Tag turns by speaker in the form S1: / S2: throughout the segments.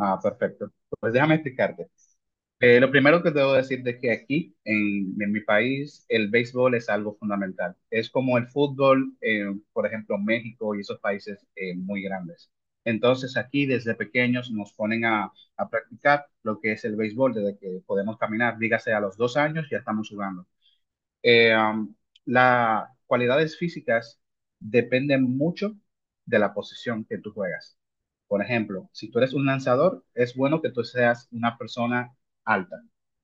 S1: Ah, perfecto. Pues déjame explicarte. Lo primero que debo decirte es que aquí, en mi país, el béisbol es algo fundamental. Es como el fútbol, por ejemplo, México y esos países muy grandes. Entonces, aquí desde pequeños nos ponen a practicar lo que es el béisbol desde que podemos caminar, dígase a los 2 años, ya estamos jugando. Eh, um, las cualidades físicas dependen mucho de la posición que tú juegas. Por ejemplo, si tú eres un lanzador, es bueno que tú seas una persona alta,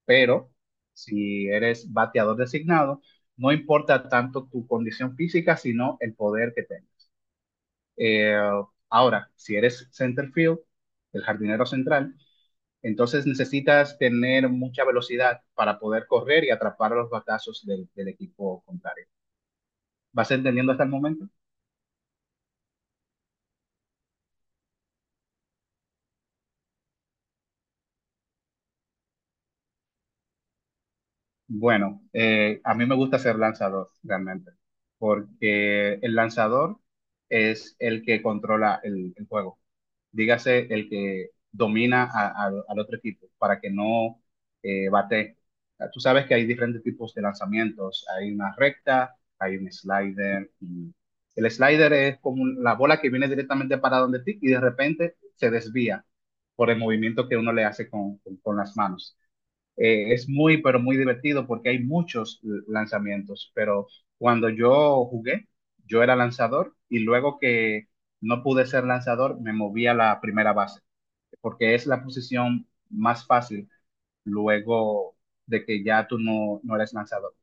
S1: pero si eres bateador designado, no importa tanto tu condición física, sino el poder que tengas. Eh, Ahora, si eres center field, el jardinero central, entonces necesitas tener mucha velocidad para poder correr y atrapar a los batazos del equipo contrario. ¿Vas entendiendo hasta el momento? Bueno, a mí me gusta ser lanzador realmente, porque el lanzador es el que controla el juego. Dígase, el que domina al otro equipo para que no bate. Ah, tú sabes que hay diferentes tipos de lanzamientos. Hay una recta, hay un slider. Y el slider es como la bola que viene directamente para donde ti y de repente se desvía por el movimiento que uno le hace con con las manos. Es muy, pero muy divertido porque hay muchos lanzamientos, pero cuando yo jugué, yo era lanzador y luego que no pude ser lanzador, me moví a la primera base, porque es la posición más fácil luego de que ya tú no eres lanzador.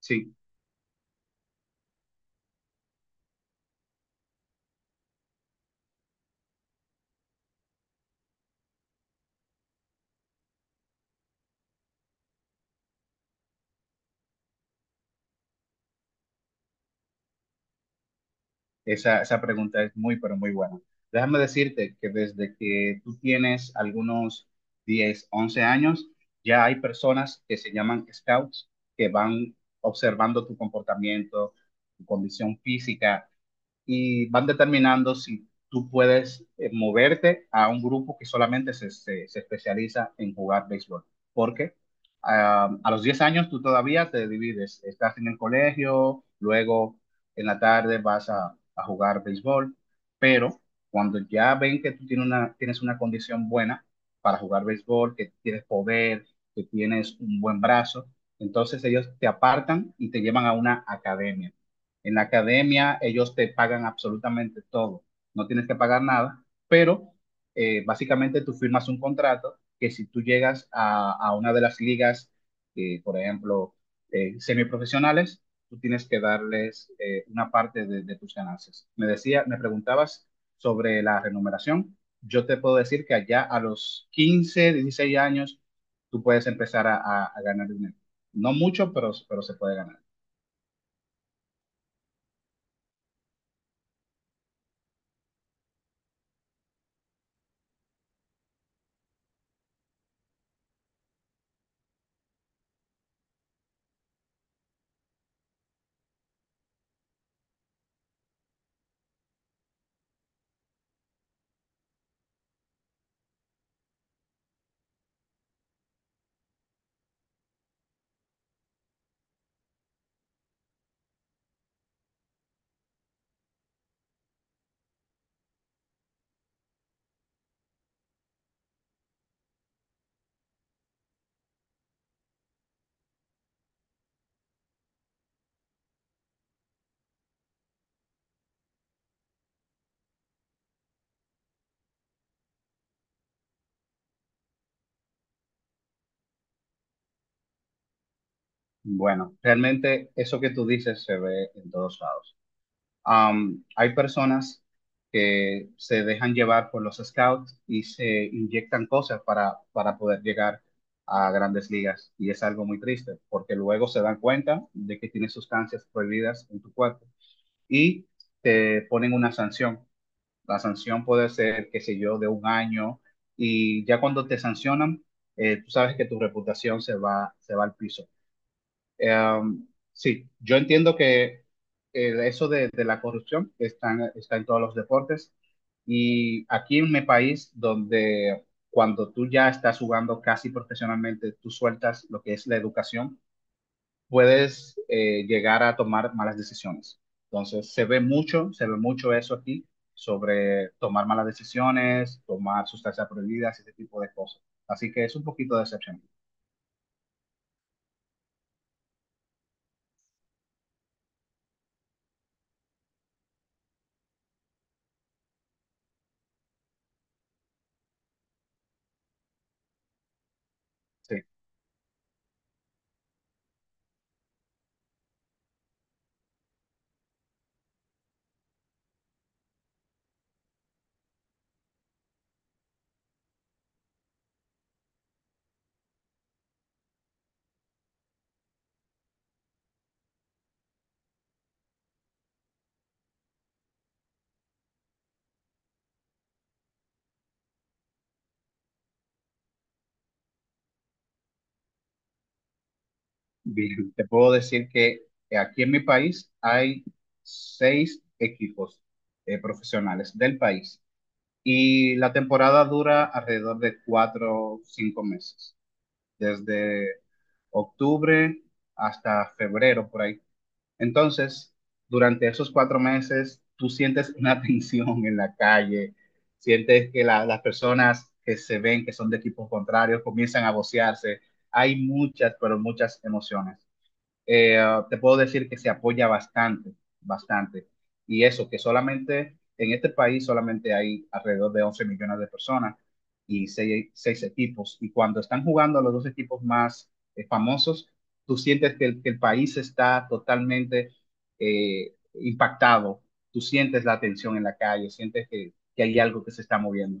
S1: Sí, esa pregunta es muy, pero muy buena. Déjame decirte que desde que tú tienes algunos 10 u 11 años, ya hay personas que se llaman scouts, que van observando tu comportamiento, tu condición física, y van determinando si tú puedes moverte a un grupo que solamente se especializa en jugar béisbol. Porque ah, a los 10 años tú todavía te divides, estás en el colegio, luego en la tarde vas a jugar béisbol, pero cuando ya ven que tú tienes una condición buena para jugar béisbol, que tienes poder, que tienes un buen brazo, entonces ellos te apartan y te llevan a una academia. En la academia ellos te pagan absolutamente todo, no tienes que pagar nada, pero básicamente tú firmas un contrato que si tú llegas a una de las ligas, por ejemplo, semiprofesionales, tú tienes que darles una parte de tus ganancias. Me decía, me preguntabas sobre la remuneración. Yo te puedo decir que allá a los 15, 16 años, tú puedes empezar a ganar dinero. No mucho, pero se puede ganar. Bueno, realmente eso que tú dices se ve en todos lados. Hay personas que se dejan llevar por los scouts y se inyectan cosas para poder llegar a grandes ligas y es algo muy triste porque luego se dan cuenta de que tienes sustancias prohibidas en tu cuerpo y te ponen una sanción. La sanción puede ser, qué sé yo, de un año y ya cuando te sancionan, tú sabes que tu reputación se va al piso. Em, sí, yo entiendo que eso de la corrupción está en, está en todos los deportes y aquí en mi país donde cuando tú ya estás jugando casi profesionalmente, tú sueltas lo que es la educación, puedes llegar a tomar malas decisiones. Entonces se ve mucho eso aquí sobre tomar malas decisiones, tomar sustancias prohibidas, ese tipo de cosas. Así que es un poquito decepcionante. Sí. Bien, te puedo decir que aquí en mi país hay seis equipos profesionales del país y la temporada dura alrededor de cuatro o cinco meses, desde octubre hasta febrero por ahí. Entonces, durante esos cuatro meses, tú sientes una tensión en la calle, sientes que las personas que se ven que son de equipos contrarios comienzan a vocearse. Hay muchas, pero muchas emociones. Eh, te puedo decir que se apoya bastante, bastante. Y eso, que solamente en este país solamente hay alrededor de 11 millones de personas y seis equipos. Y cuando están jugando los dos equipos más famosos, tú sientes que que el país está totalmente impactado. Tú sientes la tensión en la calle, sientes que hay algo que se está moviendo.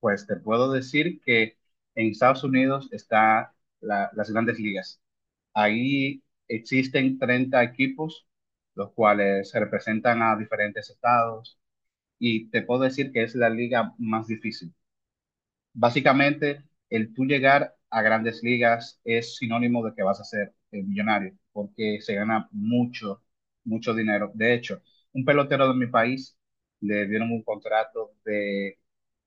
S1: Pues te puedo decir que en Estados Unidos está las grandes ligas. Ahí existen 30 equipos, los cuales representan a diferentes estados, y te puedo decir que es la liga más difícil. Básicamente, el tú llegar a grandes ligas es sinónimo de que vas a ser millonario, porque se gana mucho, mucho dinero. De hecho, un pelotero de mi país le dieron un contrato de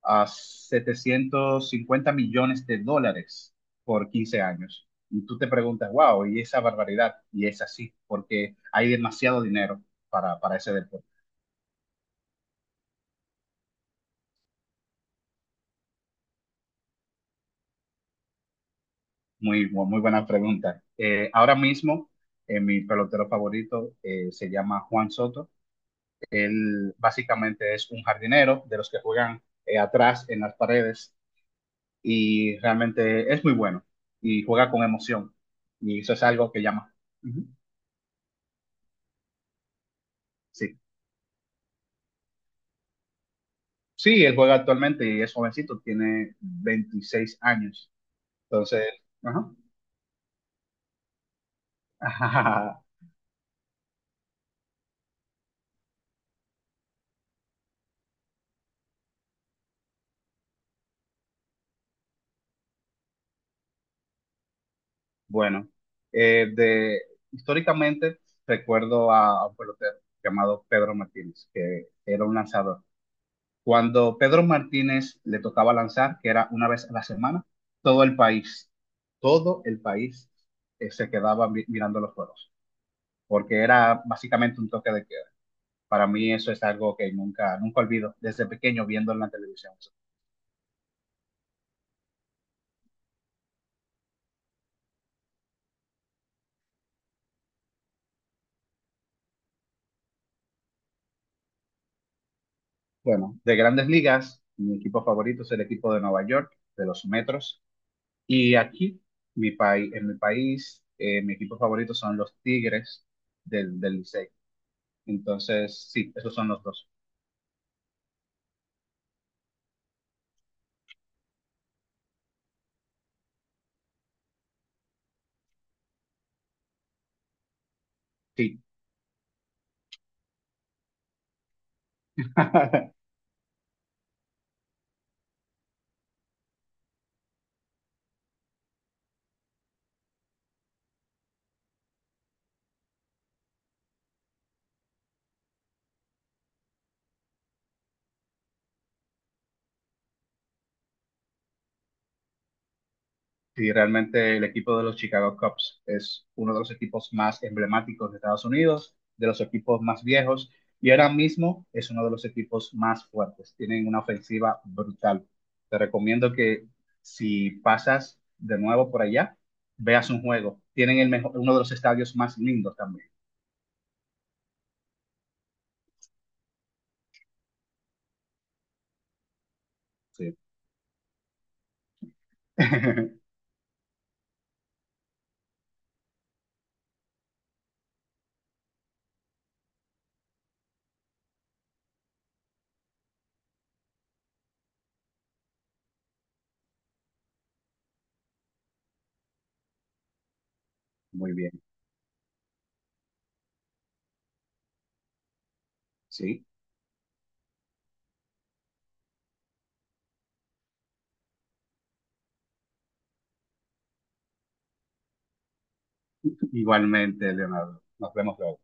S1: a 750 millones de dólares por 15 años. Y tú te preguntas, wow, y esa barbaridad, y es así, porque hay demasiado dinero para ese deporte. Muy, muy buena pregunta. Ahora mismo, mi pelotero favorito se llama Juan Soto. Él básicamente es un jardinero de los que juegan atrás en las paredes y realmente es muy bueno y juega con emoción. Y eso es algo que llama. Ujú. Sí. Sí, él juega actualmente y es jovencito, tiene 26 años. Entonces, ajá. Bueno, eh, de, históricamente recuerdo a un pelotero llamado Pedro Martínez, que era un lanzador. Cuando Pedro Martínez le tocaba lanzar, que era una vez a la semana, todo el país, todo el país se quedaba mirando los juegos, porque era básicamente un toque de queda. Para mí eso es algo que nunca, nunca olvido, desde pequeño viendo en la televisión. Bueno, de grandes ligas, mi equipo favorito es el equipo de Nueva York, de los Metros. Y aquí, mi país, en mi país, mi equipo favorito son los Tigres del Licey. Entonces, sí, esos son los dos. Sí. Sí, realmente el equipo de los Chicago Cubs es uno de los equipos más emblemáticos de Estados Unidos, de los equipos más viejos, y ahora mismo es uno de los equipos más fuertes. Tienen una ofensiva brutal. Te recomiendo que si pasas de nuevo por allá, veas un juego. Tienen el mejor, uno de los estadios más lindos también. Sí. Muy bien, sí. Igualmente, Leonardo. Nos vemos luego.